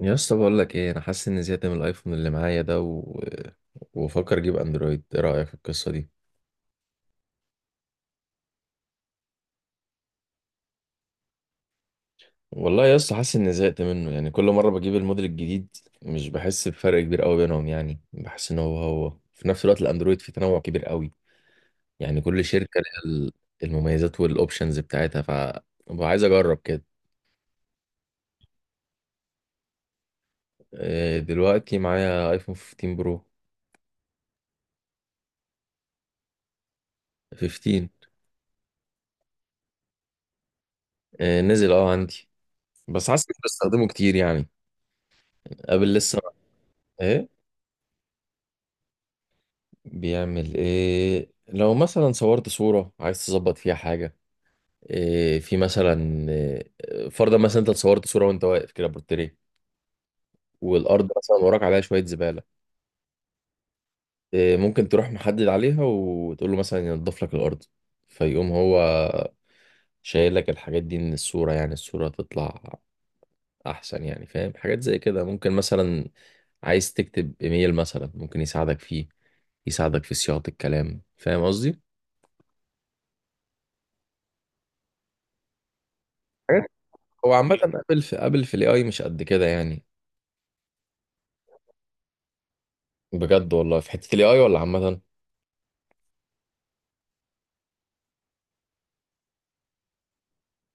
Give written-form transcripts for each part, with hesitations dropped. يا اسطى بقول لك ايه، انا حاسس اني زهقت من الايفون اللي معايا ده وفكر اجيب اندرويد. ايه رايك في القصه دي؟ والله يا اسطى حاسس اني زهقت منه، يعني كل مره بجيب الموديل الجديد مش بحس بفرق كبير قوي بينهم، يعني بحس ان هو هو. في نفس الوقت الاندرويد فيه تنوع كبير قوي، يعني كل شركه ليها المميزات والاوبشنز بتاعتها، ف ببقى عايز اجرب كده. دلوقتي معايا ايفون 15 برو. 15. نزل اه عندي، بس حاسس اني بستخدمه كتير يعني قبل لسه. ايه بيعمل؟ ايه لو مثلا صورت صورة عايز تظبط فيها حاجة؟ إيه في مثلا إيه، فرضا مثلا انت صورت صورة وانت واقف كده بورتريه، والارض مثلا وراك عليها شوية زبالة. إيه ممكن تروح محدد عليها وتقول له مثلا ينضف لك الارض، فيقوم هو شايل لك الحاجات دي من الصورة، يعني الصورة تطلع احسن. يعني فاهم، حاجات زي كده. ممكن مثلا عايز تكتب ايميل، مثلا ممكن يساعدك فيه، يساعدك في صياغة الكلام. فاهم قصدي؟ هو عامة قبل في الاي اي مش قد كده يعني. بجد والله في حتة الاي اي ولا عامة؟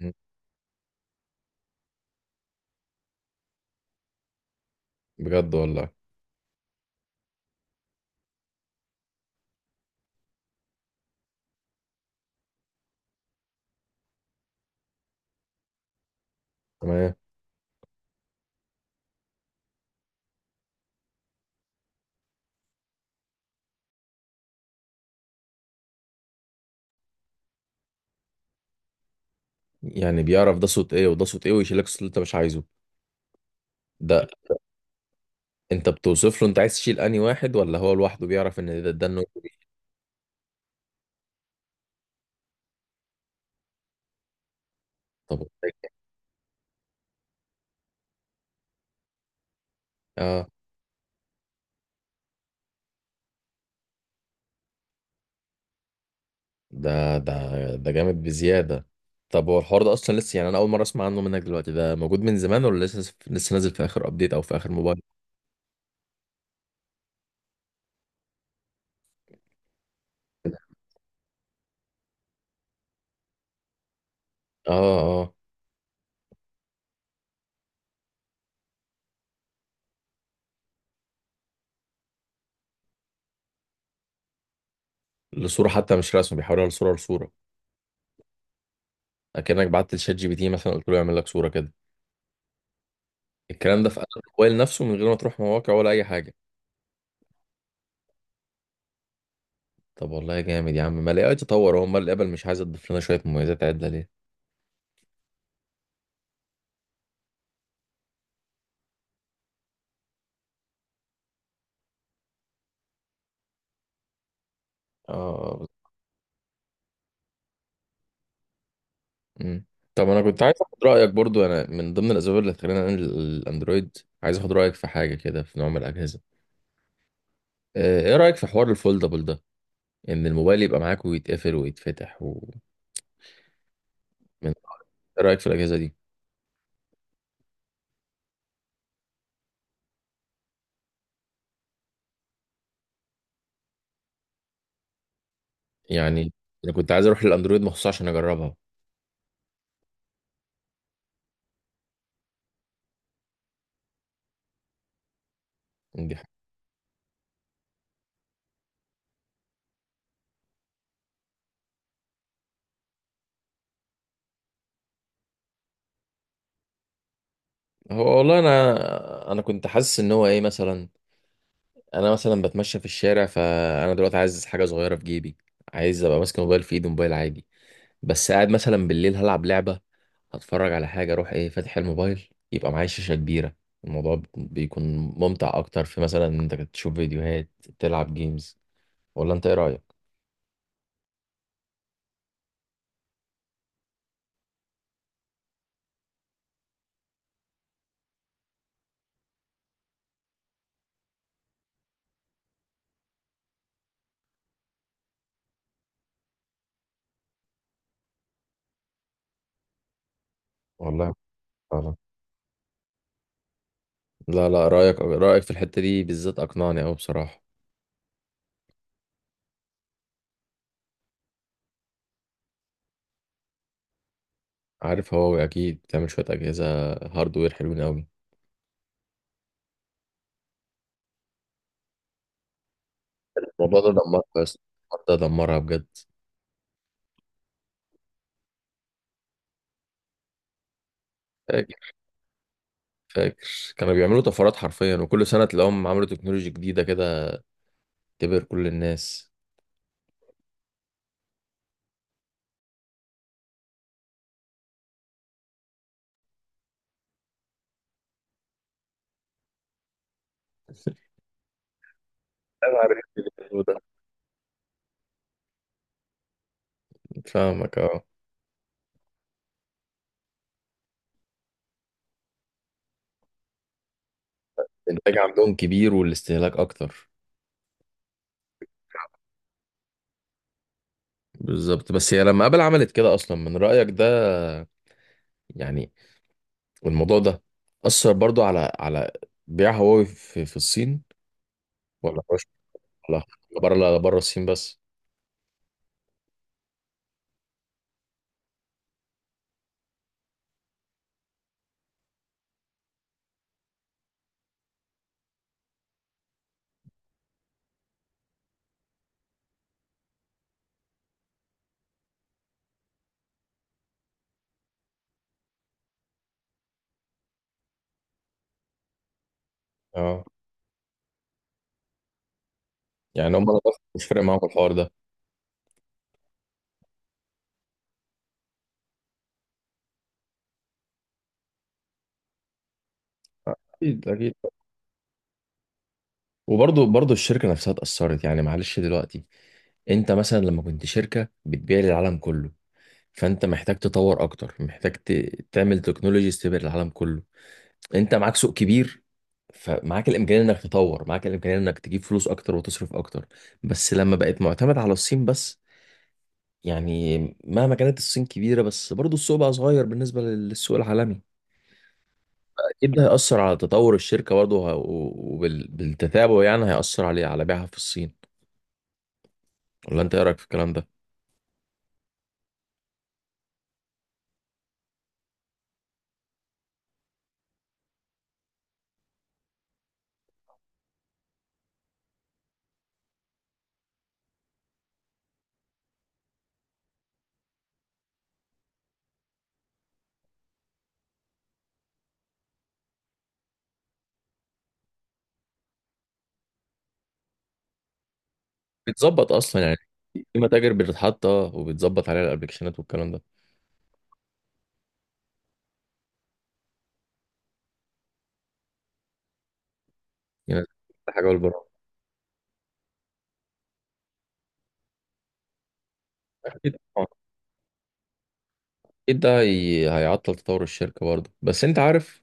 مم. بجد والله؟ تمام. يعني بيعرف ده صوت ايه وده صوت ايه، ويشيل لك الصوت اللي انت مش عايزه؟ ده انت بتوصف له انت عايز تشيل انهي واحد، ولا هو لوحده بيعرف ان ده النوع دي؟ طب اه. ده جامد بزيادة. طب هو الحوار ده اصلا لسه؟ يعني انا اول مرة اسمع عنه منك دلوقتي. ده موجود من زمان ولا لسه لسه نازل في اخر ابديت او في اخر موبايل؟ اه اه. لصورة حتى؟ مش رسم، بيحولها لصورة اكنك بعت لشات جي بي تي مثلا قلت له يعمل لك صورة كده. الكلام ده في قلب الموبايل نفسه، من غير ما تروح مواقع ولا اي حاجه. طب والله جامد يا عم. ما الاي اي تطور، هو امال الابل مش عايز تضيف لنا شويه مميزات عدله ليه؟ اه. مم. طب انا كنت عايز اخد رايك برضو. انا من ضمن الاسباب اللي خلاني انقل الاندرويد، عايز اخد رايك في حاجه كده في نوع من الاجهزه. ايه رايك في حوار الفولدبل ده؟ ان الموبايل يبقى معاك ويتقفل ويتفتح من... ايه رايك في الاجهزه دي؟ يعني انا كنت عايز اروح للاندرويد مخصوص عشان اجربها. دي حاجة. هو والله انا كنت حاسس ان هو ايه مثلا، انا مثلا بتمشى في الشارع، فانا دلوقتي عايز حاجه صغيره في جيبي، عايز ابقى ماسك موبايل في ايدي موبايل عادي. بس قاعد مثلا بالليل هلعب لعبه، هتفرج على حاجه، اروح ايه فاتح الموبايل يبقى معايا شاشه كبيره. الموضوع بيكون ممتع اكتر في مثلا إن انت تشوف فيديوهات، تلعب جيمز. ولا انت ايه رايك؟ والله فعلا. لا لا، رايك في الحته دي بالذات اقنعني قوي بصراحه. عارف هواوي؟ اكيد بتعمل شويه اجهزه هاردوير حلوين قوي. الموضوع ده دمرها بس. ده دمرها بجد. فاكر، كانوا بيعملوا طفرات حرفيا، وكل سنة تلاقيهم عملوا تكنولوجيا جديدة كده تبهر كل الناس. انا عارف الموضوع ده. فاهمك اه. الإنتاج عندهم كبير والاستهلاك أكتر. بالظبط. بس هي لما آبل عملت كده أصلا من رأيك ده يعني، والموضوع ده أثر برضو على على بيع هواوي في الصين؟ ولا مش ولا بره؟ لا، بره الصين بس. اه، يعني هم مش فارق معاهم الحوار ده؟ أكيد أكيد. وبرضه برضه الشركة نفسها اتأثرت، يعني معلش. دلوقتي انت مثلا لما كنت شركة بتبيع للعالم كله، فانت محتاج تطور اكتر، محتاج تعمل تكنولوجيز تبيع للعالم كله. انت معاك سوق كبير، فمعاك الامكانية انك تطور، معاك الامكانية انك تجيب فلوس اكتر وتصرف اكتر. بس لما بقت معتمد على الصين بس، يعني مهما كانت الصين كبيرة بس برضه السوق بقى صغير بالنسبة للسوق العالمي. اكيد ده هيأثر على تطور الشركة برضه، وبالتتابع يعني هيأثر عليه على بيعها في الصين. ولا انت ايه رايك في الكلام ده؟ بتظبط اصلا يعني؟ في متاجر بتتحط اه، وبتظبط عليها الابلكيشنات والكلام ده؟ يعني ده حاجه، والبرامج. اكيد طبعاً. اكيد ده هيعطل تطور الشركه برضه. بس انت عارف،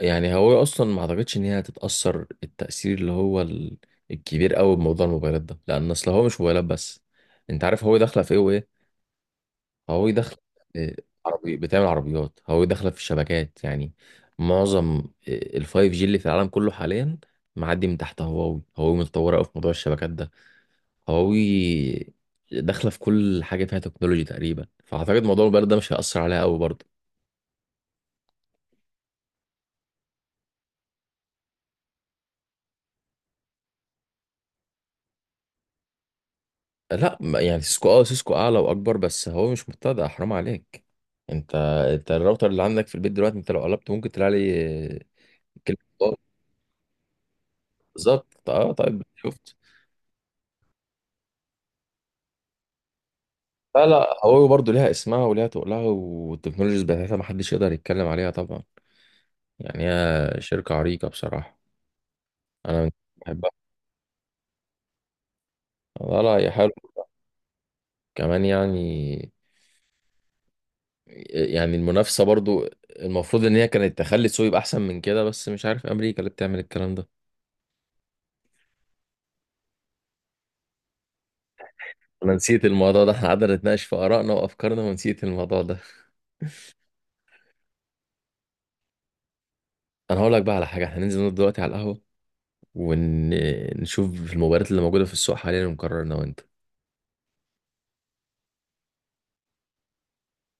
يعني هو اصلا ما اعتقدش ان هي هتتاثر التاثير اللي هو الكبير قوي بموضوع الموبايلات ده، لان اصل هو مش موبايلات بس. انت عارف هو داخله في ايه وايه. هواوي داخلة. آه، عربي، بتعمل عربيات. هواوي داخلة في الشبكات يعني، معظم الفايف جي اللي في العالم كله حاليا معدي من تحت هواوي. هواوي متطورة أوي في موضوع الشبكات ده. هواوي داخلة في كل حاجة فيها تكنولوجي تقريبا، فأعتقد موضوع الموبايل ده مش هيأثر عليها أوي برضه. لا يعني سيسكو، اه، سيسكو أعلى وأكبر، بس هواوي مش مبتدأ حرام عليك. انت انت الراوتر اللي عندك في البيت دلوقتي، انت لو قلبت ممكن تلاقي عليه كلمة ضار. بالظبط اه. طيب، شفت؟ لا لا، هو برضه ليها اسمها وليها تقلها، والتكنولوجيز بتاعتها محدش يقدر يتكلم عليها طبعا. يعني هي شركة عريقة بصراحة. أنا بحبها. لا لا هي حلوة كمان يعني. يعني المنافسة برضه، المفروض إن هي كانت تخلي السوق يبقى أحسن من كده، بس مش عارف أمريكا اللي بتعمل الكلام ده. أنا نسيت الموضوع ده. إحنا قعدنا نتناقش في آرائنا وأفكارنا ونسيت الموضوع ده. أنا هقول لك بقى على حاجة، إحنا ننزل نقعد دلوقتي على القهوة ونشوف المباريات اللي موجودة في السوق حاليا، ونقرر أنا وأنت.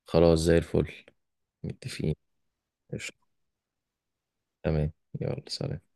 خلاص زي الفل. متفقين. تمام. يلا سلام.